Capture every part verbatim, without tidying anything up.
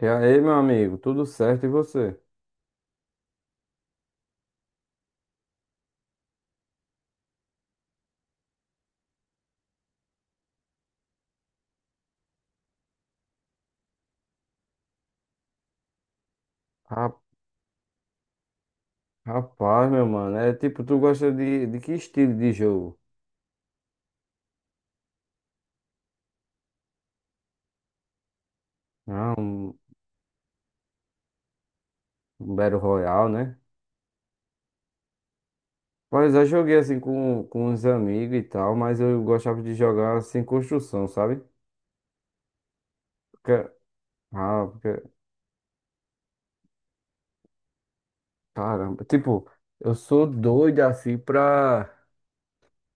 E aí, meu amigo, tudo certo e você? Ra- Rapaz, meu mano, é tipo, tu gosta de, de que estilo de jogo? Ah, um, um Battle Royale, né? Pois eu joguei assim com, com uns amigos e tal, mas eu gostava de jogar assim construção, sabe? Porque, ah, porque, Caramba, tipo, eu sou doido assim pra.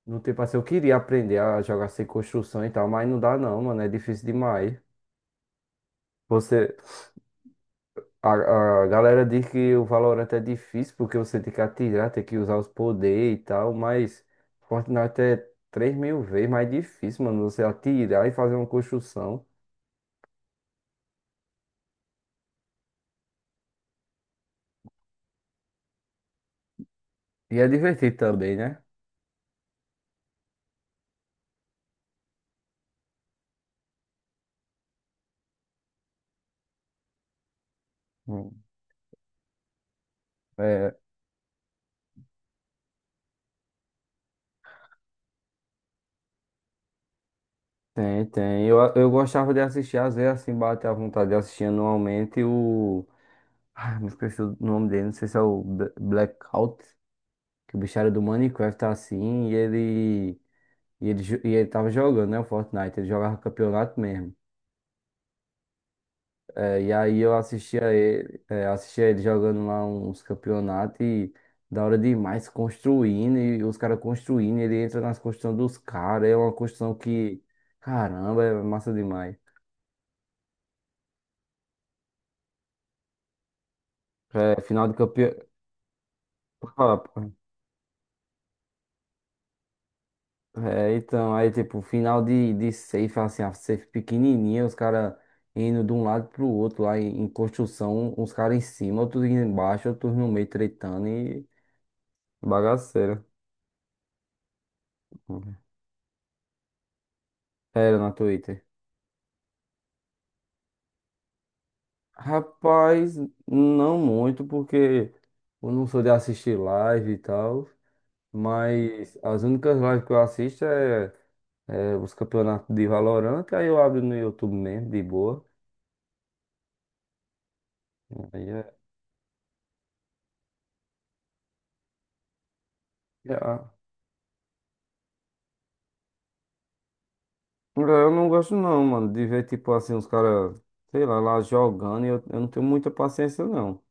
No tempo assim, eu queria aprender a jogar sem construção e tal, mas não dá não, mano, é difícil demais. Você, A, a galera diz que o Valorant é difícil porque você tem que atirar, tem que usar os poderes e tal, mas Fortnite é três mil vezes mais difícil, mano. Você atirar e fazer uma construção. E é divertido também, né? Hum. É. Tem, tem. Eu, eu gostava de assistir, às vezes assim, bate a vontade de assistir anualmente o. Ah, me esqueci o nome dele, não sei se é o Bla- Blackout, que o bicho era do Minecraft tá assim, e ele. E ele, jo- e ele tava jogando, né? O Fortnite, ele jogava campeonato mesmo. É, e aí eu assistia ele, é, assistia ele jogando lá uns campeonatos e da hora demais construindo, e os caras construindo, ele entra nas construções dos caras, é uma construção que, caramba, é massa demais. É, final de campeão. É, então, aí tipo, final de, de safe, assim, a safe pequenininha, os caras indo de um lado pro outro lá em, em construção, uns caras em cima, outros embaixo, outros no meio tretando e bagaceira. Era na Twitter. Rapaz, não muito, porque eu não sou de assistir live e tal, mas as únicas lives que eu assisto é, é os campeonatos de Valorant, aí eu abro no YouTube mesmo, de boa. Aí é, é, a- eu não gosto não, mano, de ver tipo assim, os caras, sei lá, lá jogando, e eu, eu não tenho muita paciência não.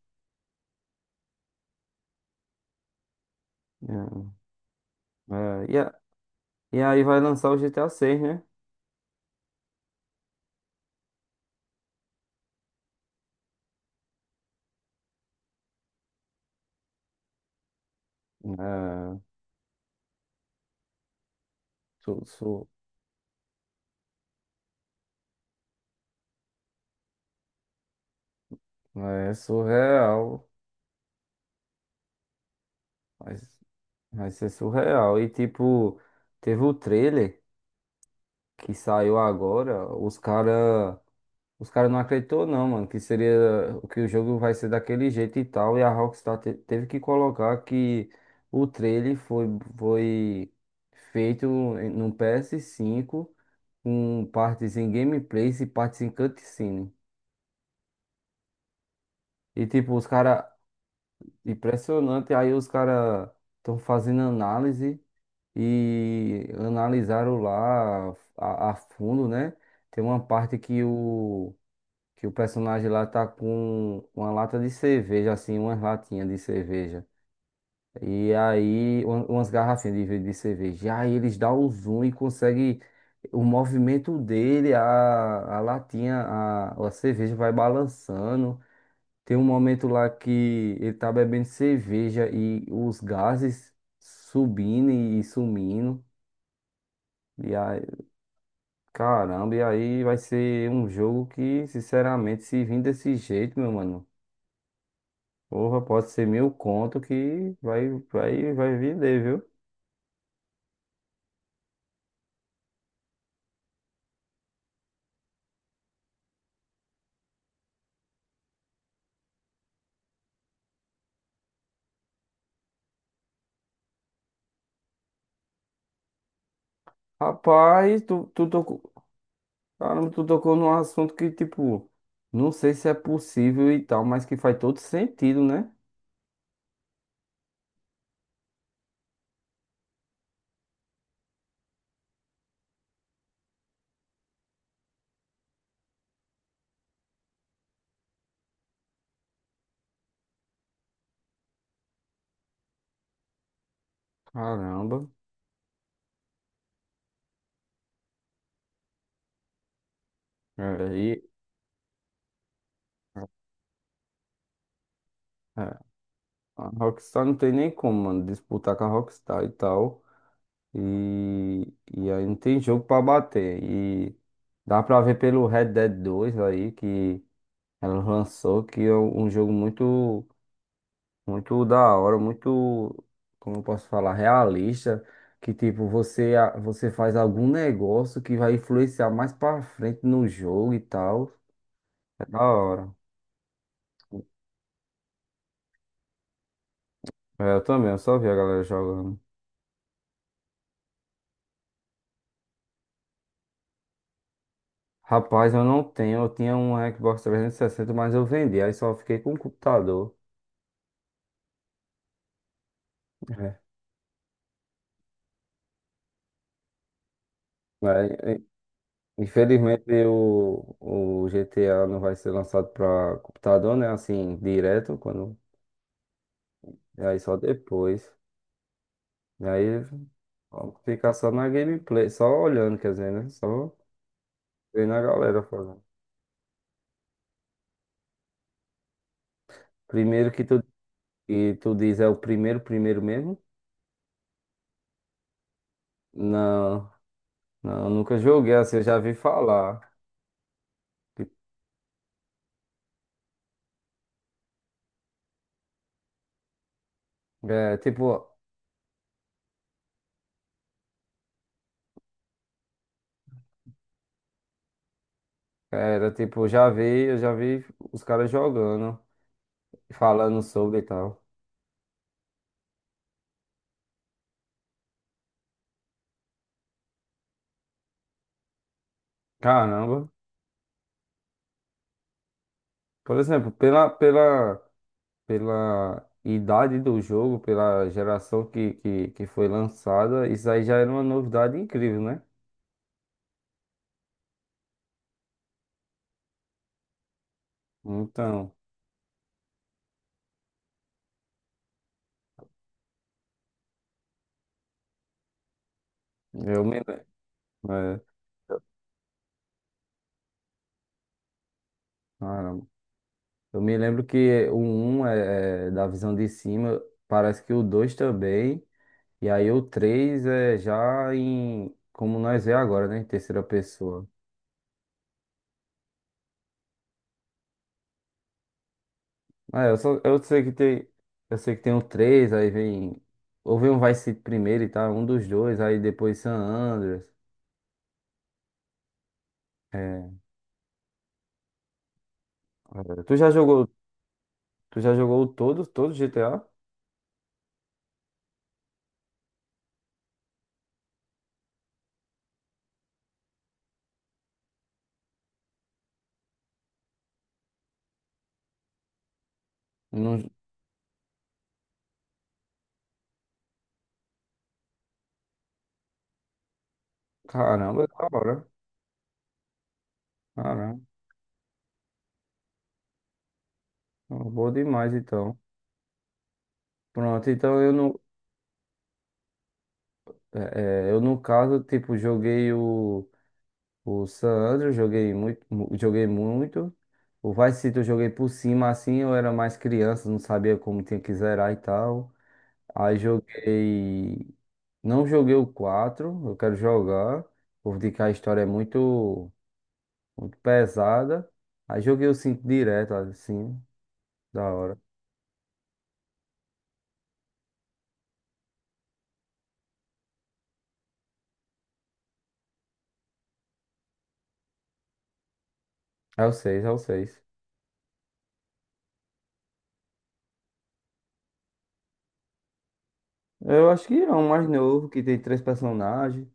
É, é, e, a- e aí vai lançar o G T A seis, né? É, su, su, É surreal. Vai ser surreal. E tipo, teve o trailer que saiu agora, os cara, os cara não acreditou não, mano, que seria que o jogo vai ser daquele jeito e tal, e a Rockstar te- teve que colocar que o trailer foi foi feito em- no P S cinco com partes em gameplays e partes em cutscene. E tipo, os cara impressionante, aí os cara estão fazendo análise e analisaram lá a, a fundo, né? Tem uma parte que o, que o personagem lá tá com uma lata de cerveja, assim, umas latinhas de cerveja. E aí, uma- umas garrafinhas de, de cerveja. E aí eles dão o zoom e conseguem o movimento dele, a, a latinha, a, a cerveja vai balançando. Tem um momento lá que ele tá bebendo cerveja e os gases subindo e sumindo. E caramba, e aí vai ser um jogo que, sinceramente, se vir desse jeito, meu mano, porra, pode ser mil conto que vai, vai, vai vender, viu? Rapaz, tu, tu tocou, caramba, tu tocou num assunto que, tipo, não sei se é possível e tal, mas que faz todo sentido, né? Caramba, é, e, é, A Rockstar não tem nem como, mano, disputar com a Rockstar e tal. E, e aí não tem jogo pra bater. E dá pra ver pelo Red Dead dois aí que ela lançou, que é um um jogo muito, muito da hora, muito, como eu posso falar, realista. Que tipo, você, a- você faz algum negócio que vai influenciar mais pra frente no jogo e tal. É da hora. É, eu também, eu só vi a galera jogando. Rapaz, eu não tenho, eu tinha um Xbox trezentos e sessenta, mas eu vendi, aí só fiquei com o computador. É. Infelizmente o, o G T A não vai ser lançado para computador, né? Assim, direto, quando. E aí só depois. E aí ficar só na gameplay, só olhando, quer dizer, né? Só vendo a galera fazendo. Primeiro que tu, que tu diz é o primeiro, primeiro mesmo? Não, não, nunca joguei assim, eu já vi falar. Ti- É, tipo, era tipo, já vi, eu já vi os caras jogando, falando sobre e tal. Caramba. Por exemplo, pela, pela pela idade do jogo, pela geração que, que, que foi lançada, isso aí já era uma novidade incrível, né? Então, eu me, le- é, caramba. Eu me lembro que o um é, é da visão de cima, parece que o dois também, e aí o três é já em, como nós vê agora, né? Em terceira pessoa. É, eu, só, eu sei que tem, eu sei que tem o três, aí vem, ou vem um Vice City primeiro e tal, um dos dois, aí depois San Andreas. é, É, Tu já jogou, tu já jogou todo, todo G T A? Não- caramba, da hora. Caramba, bom demais então. Pronto, então eu não, é, é, Eu no caso, tipo, joguei o, o San Andreas, joguei muito, mu- joguei muito. O Vice City eu joguei por cima, assim, eu era mais criança, não sabia como tinha que zerar e tal. Aí joguei, não joguei o quatro, eu quero jogar. Vou dizer que a história é muito muito pesada. Aí joguei o cinco direto, assim, da hora. É, o seis é o seis. Eu acho que é um mais novo, que tem três personagens.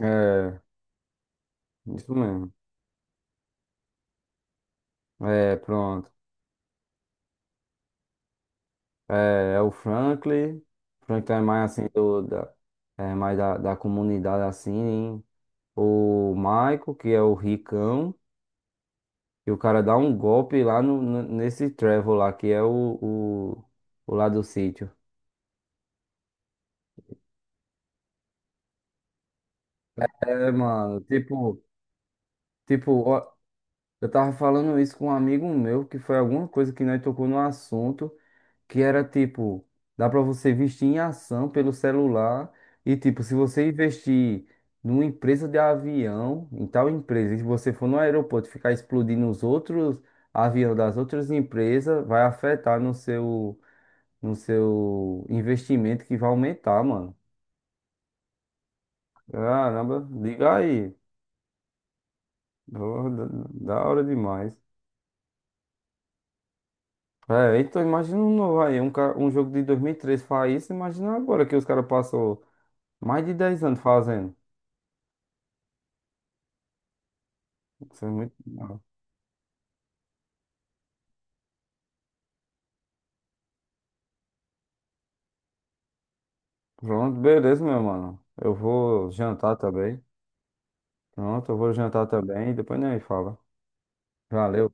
É, isso mesmo. É, pronto. É, é o Franklin. Franklin é mais assim, do, da, é mais da, da comunidade, assim. O Michael, que é o ricão. E o cara dá um golpe lá no, no- nesse Trevor lá, que é o, o, o lá do sítio. É, mano, tipo, tipo, eu tava falando isso com um amigo meu, que foi alguma coisa que nós tocou no assunto, que era tipo, dá pra você investir em ação pelo celular e tipo, se você investir numa empresa de avião, em tal empresa, e se você for no aeroporto e ficar explodindo os outros aviões das outras empresas, vai afetar no seu no seu investimento que vai aumentar, mano. Caramba, liga aí. Da da- da hora demais. É, então imagina um novo aí, um, ca- um jogo de dois mil e três faz isso, imagina agora que os caras passou mais de dez anos fazendo. Isso é muito... Pronto, beleza, meu mano. Eu vou jantar também. Pronto, eu vou jantar também, depois nem fala. Valeu.